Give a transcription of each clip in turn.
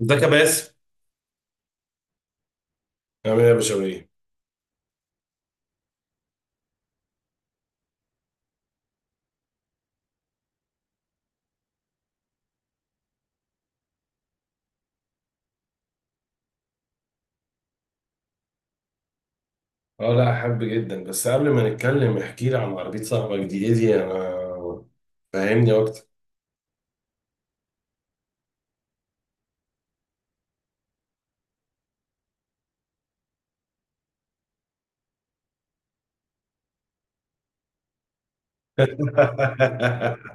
ازيك يا باسم. عامل ايه يا بشوية؟ اه، لا احب جدا. بس قبل ما نتكلم احكي لي عن عربية صاحبك دي. ايه دي؟ انا فاهمني اكتر.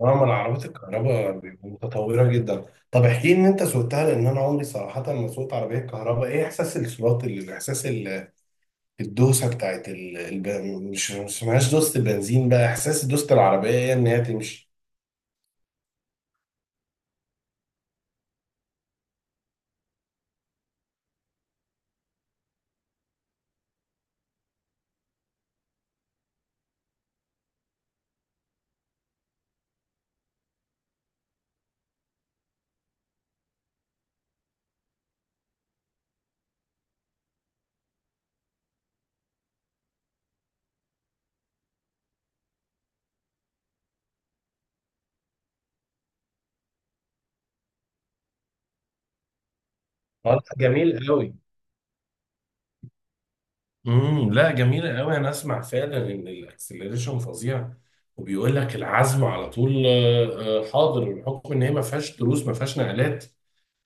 اه، ما العربيات الكهرباء بيبقوا متطورة جدا. طب احكي لي ان انت سوقتها، لان انا عمري صراحة ما سوقت عربية كهرباء. ايه احساس الصراط اللي احساس الدوسة بتاعت مش اسمهاش دوسة البنزين. بقى احساس دوسة العربية ايه؟ ان هي تمشي. والله جميل قوي. لا، جميلة قوي. انا اسمع فعلا ان الاكسلريشن فظيع، وبيقول لك العزم على طول. حاضر، بحكم ان هي ما فيهاش دروس ما فيهاش نقلات.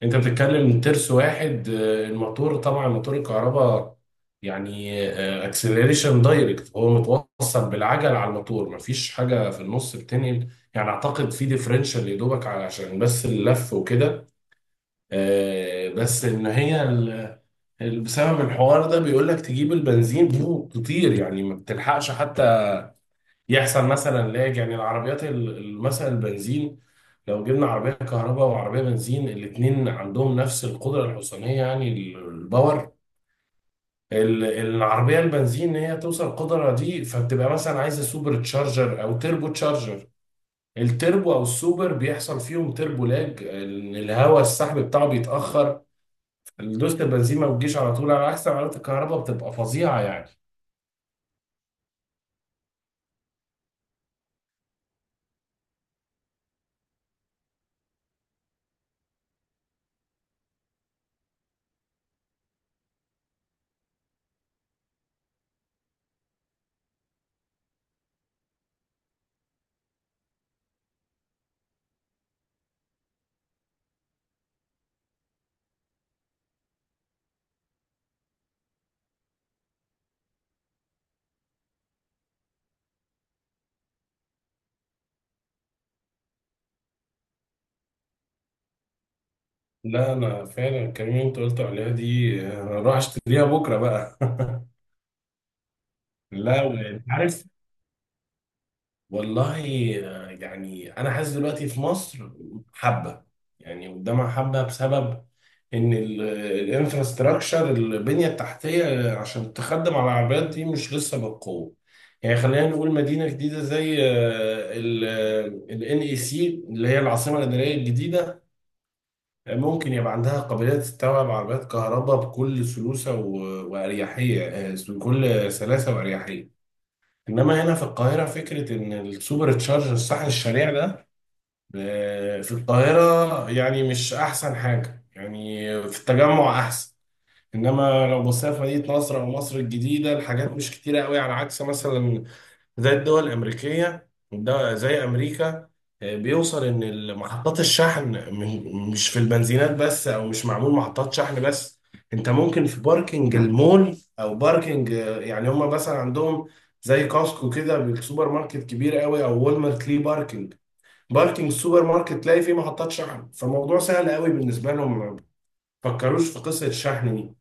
انت بتتكلم ترس واحد. الموتور طبعا موتور الكهرباء، يعني اكسلريشن دايركت. هو متوصل بالعجل على الموتور، ما فيش حاجة في النص بتنقل. يعني اعتقد في ديفرنشال يا دوبك علشان بس اللف وكده. بس ان هي بسبب الحوار ده، بيقول لك تجيب البنزين تطير، يعني ما بتلحقش حتى يحصل مثلا لاج. يعني العربيات مثلا البنزين، لو جبنا عربية كهرباء وعربية بنزين الاتنين عندهم نفس القدرة الحصانية، يعني الباور، العربية البنزين هي توصل القدرة دي فبتبقى مثلا عايزة سوبر تشارجر أو تربو تشارجر. التربو أو السوبر بيحصل فيهم تربو لاج، الهواء السحب بتاعه بيتأخر. دوست البنزيمة والجيش على طول، على عكس عربية الكهرباء بتبقى فظيعة يعني. لا، أنا فعلا الكلمة اللي أنت قلت عليها دي أنا أروح أشتريها بكرة بقى. لا، وأنت عارف. والله، يعني أنا حاسس دلوقتي في مصر حبة، يعني قدامها حبة، بسبب إن الانفراستراكشر البنية التحتية عشان تخدم على العربيات دي مش لسه بالقوة. يعني خلينا نقول مدينة جديدة زي ال ان اي سي، اللي هي العاصمة الإدارية الجديدة. ممكن يبقى عندها قابلية تستوعب عربيات كهرباء بكل سلوسة وأريحية، بكل سلاسة وأريحية. إنما هنا في القاهرة، فكرة إن السوبر تشارجر الصاحب الشريع ده في القاهرة يعني مش أحسن حاجة. يعني في التجمع أحسن، إنما لو بصينا في مدينة نصر أو مصر الجديدة الحاجات مش كتيرة قوي. على عكس مثلا زي الدول الأمريكية زي أمريكا، بيوصل إن محطات الشحن مش في البنزينات بس، أو مش معمول محطات شحن بس. أنت ممكن في باركينج المول أو باركينج، يعني هما مثلا عندهم زي كاسكو كده بالسوبر ماركت كبير قوي، أو والمارت ليه باركينج. باركينج السوبر ماركت تلاقي فيه محطات شحن، فالموضوع سهل قوي بالنسبة لهم. ما فكروش في قصة الشحن دي.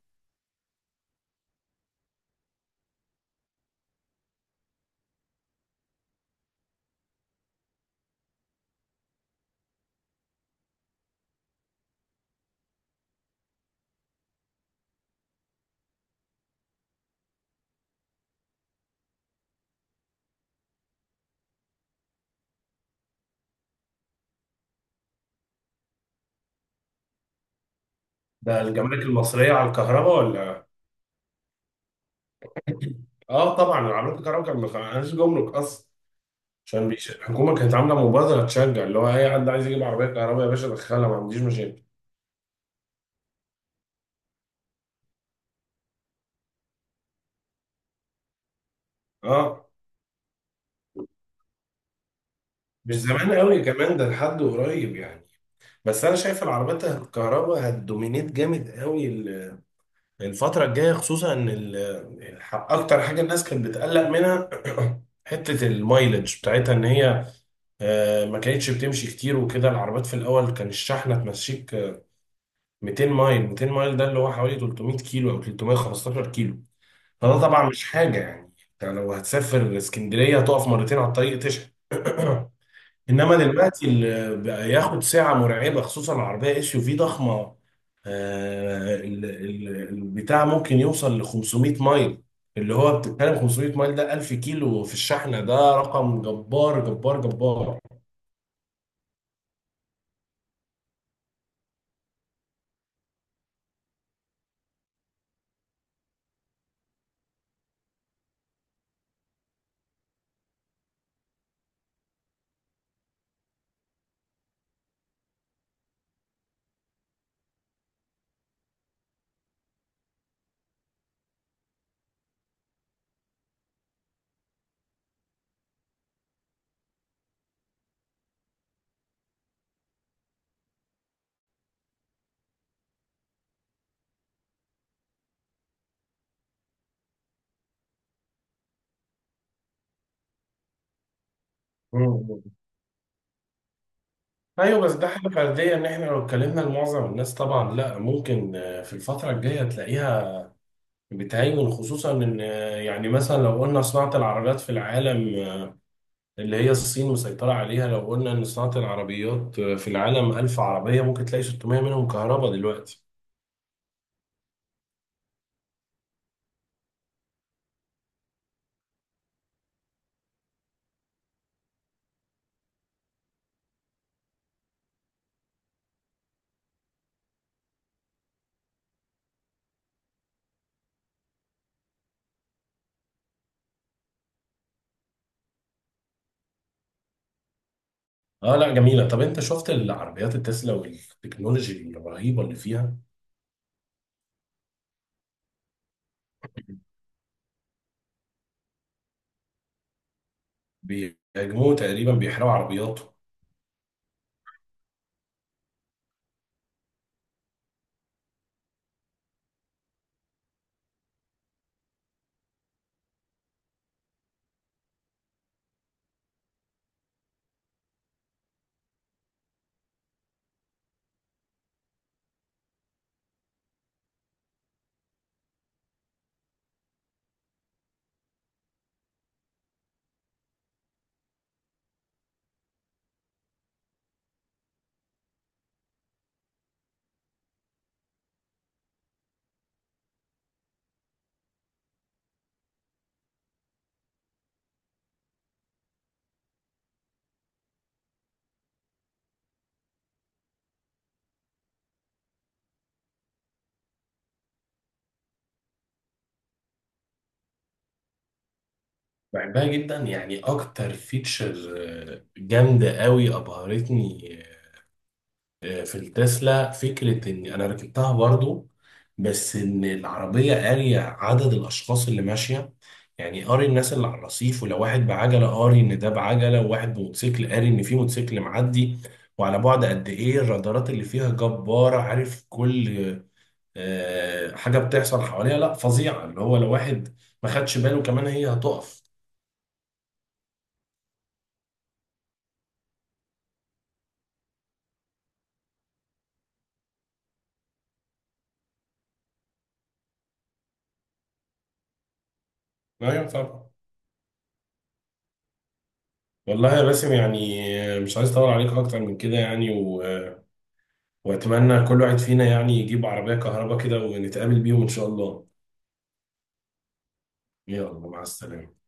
ده الجمارك المصرية على الكهرباء ولا؟ آه، طبعا عربيات الكهرباء كان ما كانش جمرك أصلا. عشان الحكومة كانت عاملة مبادرة تشجع اللي هو أي حد عايز يجيب عربية كهرباء، يا باشا دخلها ما عنديش مشاكل. اه، مش زمان قوي كمان، ده لحد قريب يعني. بس أنا شايف العربيات الكهرباء هتدومينيت جامد قوي الفترة الجاية، خصوصا إن أكتر حاجة الناس كانت بتقلق منها حتة المايلج بتاعتها، إن هي ما كانتش بتمشي كتير وكده. العربيات في الأول كان الشحنة تمشيك 200 مايل. 200 مايل ده اللي هو حوالي 300 كيلو أو 315 كيلو. فده طبعا مش حاجة، يعني انت لو هتسافر اسكندرية هتقف مرتين على الطريق تشحن. انما دلوقتي اللي بقى ياخد ساعة مرعبة، خصوصا العربية اس يو في ضخمة، البتاع ممكن يوصل ل 500 مايل، اللي هو بتتكلم 500 مايل ده 1000 كيلو في الشحنة. ده رقم جبار جبار جبار. مم. ايوه، بس ده حاجة فردية. ان احنا لو اتكلمنا لمعظم الناس طبعا، لا، ممكن في الفترة الجاية تلاقيها بتهيمن. خصوصا ان، يعني مثلا لو قلنا صناعة العربيات في العالم اللي هي الصين مسيطرة عليها. لو قلنا ان صناعة العربيات في العالم 1000 عربية، ممكن تلاقي 600 منهم كهرباء دلوقتي. اه لا، جميلة. طب انت شفت العربيات التسلا والتكنولوجي الرهيبة اللي فيها؟ بيهاجموا، تقريبا بيحرقوا عربياتهم. بحبها جدا، يعني اكتر فيتشر جامدة قوي ابهرتني في التسلا. فكرة إن أنا ركبتها برضو، بس إن العربية قارية عدد الأشخاص اللي ماشية. يعني قاري الناس اللي على الرصيف، ولو واحد بعجلة قاري إن ده بعجلة، وواحد بموتوسيكل قاري إن في موتوسيكل معدي. وعلى بعد قد إيه الرادارات اللي فيها جبارة، عارف كل حاجة بتحصل حواليها. لا فظيعة، اللي هو لو واحد ما خدش باله كمان هي هتقف. أيوة طبعا. والله يا باسم، يعني مش عايز أطول عليك أكتر من كده يعني. واتمنى كل واحد فينا يعني يجيب عربية كهرباء كده، ونتقابل بيهم ان شاء الله. يلا مع السلامة.